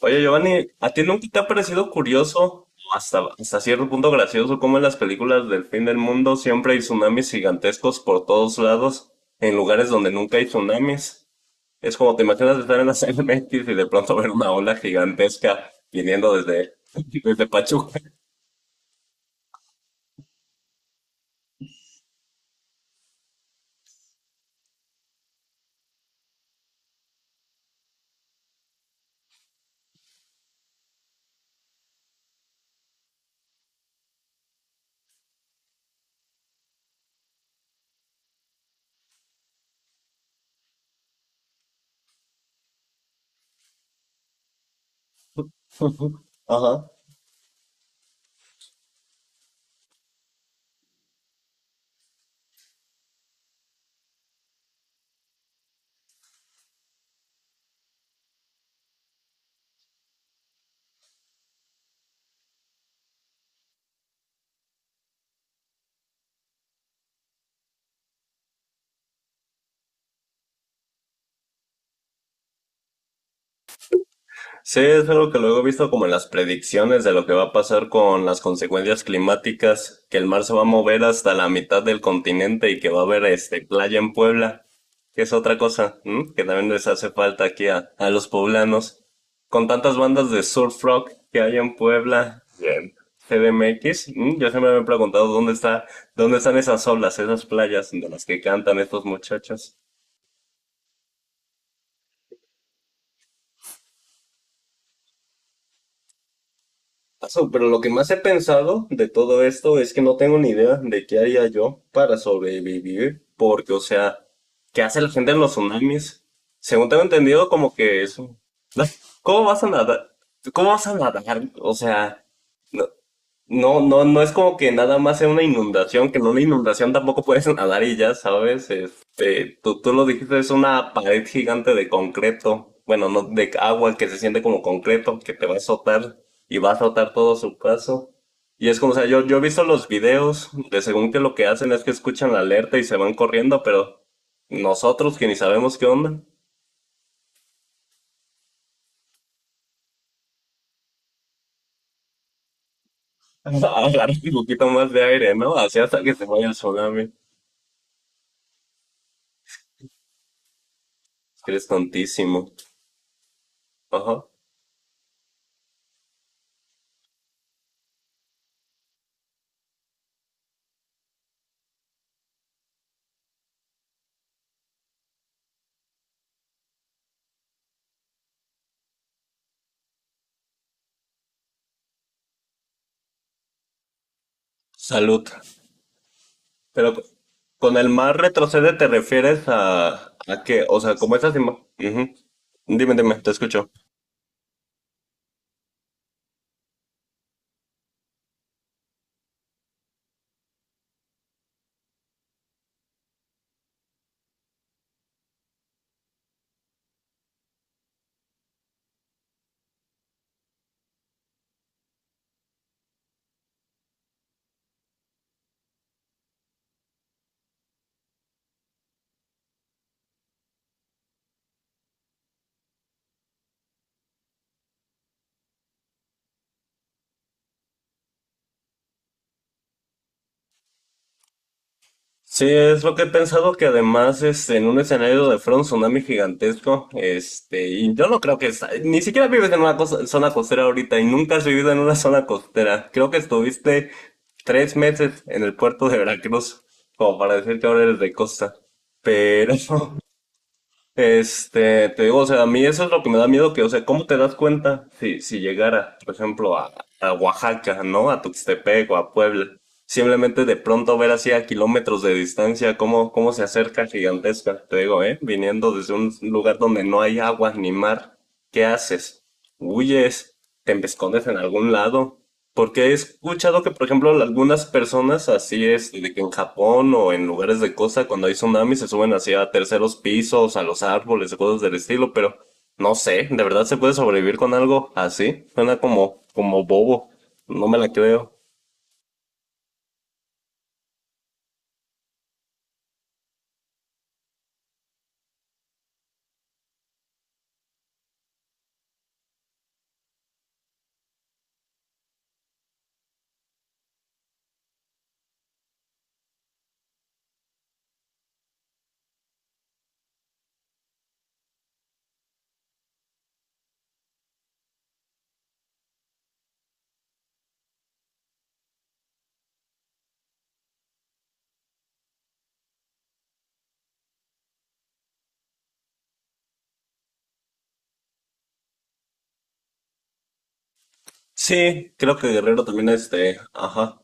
Oye, Giovanni, ¿a ti nunca te ha parecido curioso, o hasta cierto punto gracioso, cómo en las películas del fin del mundo siempre hay tsunamis gigantescos por todos lados, en lugares donde nunca hay tsunamis? Es como te imaginas estar en la CDMX y de pronto ver una ola gigantesca viniendo desde, desde Pachuca. Ajá. Sí, es algo que luego he visto como en las predicciones de lo que va a pasar con las consecuencias climáticas, que el mar se va a mover hasta la mitad del continente y que va a haber playa en Puebla, que es otra cosa, ¿m? Que también les hace falta aquí a los poblanos. Con tantas bandas de surf rock que hay en Puebla y en CDMX, ¿m? X, ¿m? Yo siempre me he preguntado dónde dónde están esas olas, esas playas de las que cantan estos muchachos. Pero lo que más he pensado de todo esto es que no tengo ni idea de qué haría yo para sobrevivir, porque, o sea, ¿qué hace la gente en los tsunamis? Según tengo entendido, como que eso. ¿Cómo vas a nadar? ¿Cómo vas a nadar? O sea, no, no, no, no es como que nada más sea una inundación, que en una inundación tampoco puedes nadar y ya sabes, tú lo dijiste, es una pared gigante de concreto, bueno, no, de agua que se siente como concreto, que te va a azotar y va a azotar todo su paso. Y es como, o sea, yo he visto los videos de según que lo que hacen es que escuchan la alerta y se van corriendo, pero nosotros que ni sabemos qué onda, agarran un poquito más de aire, ¿no? Así hasta que se vaya el tsunami. Es que eres tontísimo. Ajá. Salud. Pero con el mar retrocede te refieres a que, o sea, como esas imágenes. Dime, dime, te escucho. Sí, es lo que he pensado que además en un escenario de front tsunami gigantesco, y yo no creo que ni siquiera vives en una zona costera ahorita y nunca has vivido en una zona costera. Creo que estuviste 3 meses en el puerto de Veracruz, como para decir que ahora eres de costa. Pero te digo, o sea, a mí eso es lo que me da miedo, que, o sea, ¿cómo te das cuenta si, si llegara, por ejemplo, a Oaxaca, ¿no? ¿A Tuxtepec o a Puebla? Simplemente de pronto ver así a kilómetros de distancia cómo se acerca gigantesca, te digo, ¿eh? Viniendo desde un lugar donde no hay agua ni mar, ¿qué haces? ¿Huyes? ¿Te escondes en algún lado? Porque he escuchado que, por ejemplo, algunas personas así es, de que en Japón o en lugares de costa, cuando hay tsunamis, se suben así a terceros pisos, a los árboles, cosas del estilo, pero no sé, ¿de verdad se puede sobrevivir con algo así? Suena como, como bobo, no me la creo. Sí, creo que Guerrero también ajá.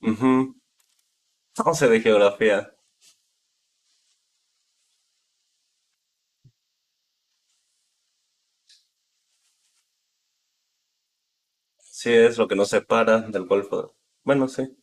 Mhm. No sé de geografía. Sí es lo que nos separa del Golfo. Bueno, sí,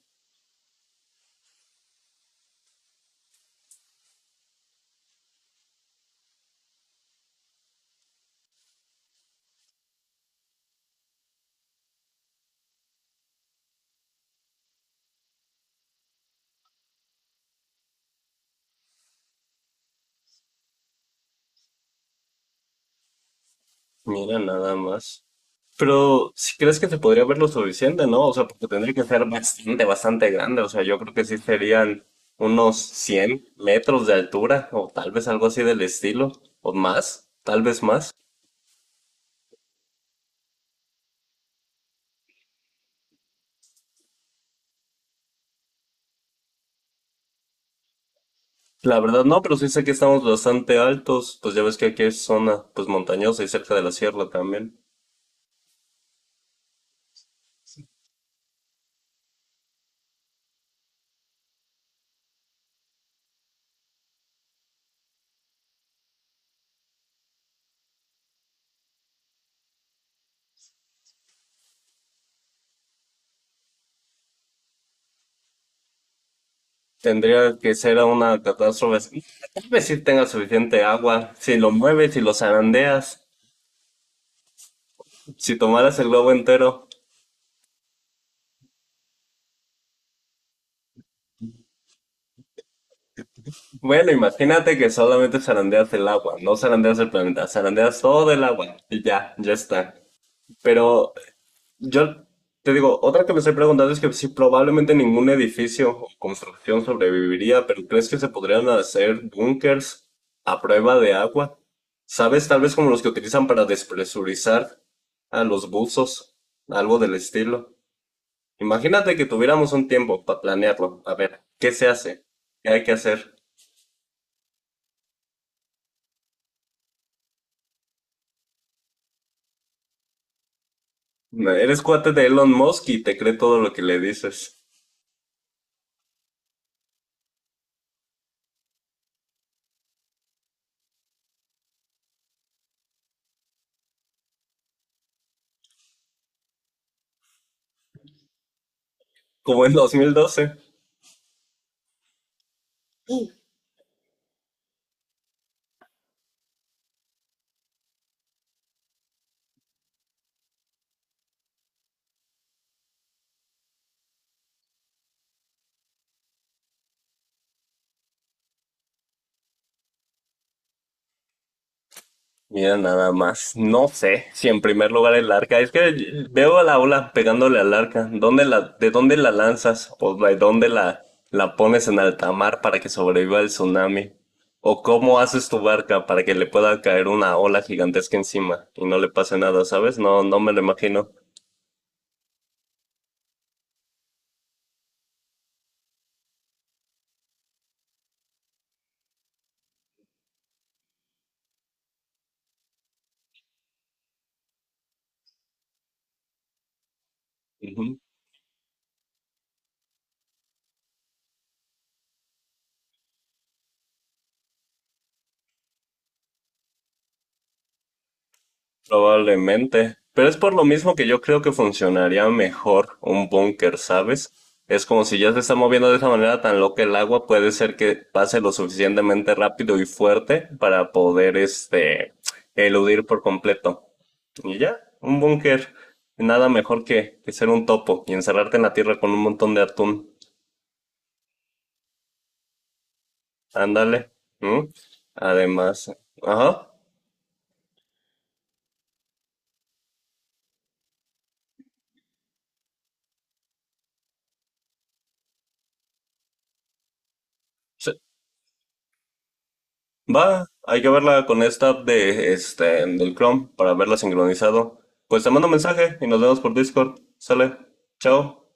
mira nada más. Pero ¿si crees que se podría ver lo suficiente, ¿no? O sea, porque tendría que ser bastante, bastante grande. O sea, yo creo que sí serían unos 100 metros de altura o tal vez algo así del estilo o más, tal vez más. La verdad no, pero sí sé que estamos bastante altos. Pues ya ves que aquí es zona pues montañosa y cerca de la sierra también. Tendría que ser una catástrofe. Tal vez sí tenga suficiente agua. Si lo mueves, si lo zarandeas, si tomaras el globo entero. Bueno, imagínate que solamente zarandeas el agua, no zarandeas el planeta, zarandeas todo el agua y ya, ya está. Pero yo te digo, otra que me estoy preguntando es que si probablemente ningún edificio o construcción sobreviviría, pero ¿crees que se podrían hacer búnkers a prueba de agua? ¿Sabes? Tal vez como los que utilizan para despresurizar a los buzos, algo del estilo. Imagínate que tuviéramos un tiempo para planearlo. A ver, ¿qué se hace? ¿Qué hay que hacer? Eres cuate de Elon Musk y te cree todo lo que le dices. Como en 2012. Mira, nada más. No sé si en primer lugar el arca. Es que veo a la ola pegándole al arca. ¿Dónde la, de dónde la lanzas? ¿O de dónde la pones en alta mar para que sobreviva el tsunami? ¿O cómo haces tu barca para que le pueda caer una ola gigantesca encima y no le pase nada, ¿sabes? No, no me lo imagino. Probablemente, pero es por lo mismo que yo creo que funcionaría mejor un búnker, ¿sabes? Es como si ya se está moviendo de esa manera tan loca el agua, puede ser que pase lo suficientemente rápido y fuerte para poder, eludir por completo. Y ya, un búnker, nada mejor que ser un topo y encerrarte en la tierra con un montón de atún. Ándale. ¿Mm? Además, ajá. Sí. Va, hay que verla con esta app de, del Chrome para verla sincronizado. Pues te mando un mensaje y nos vemos por Discord. Sale. Chao.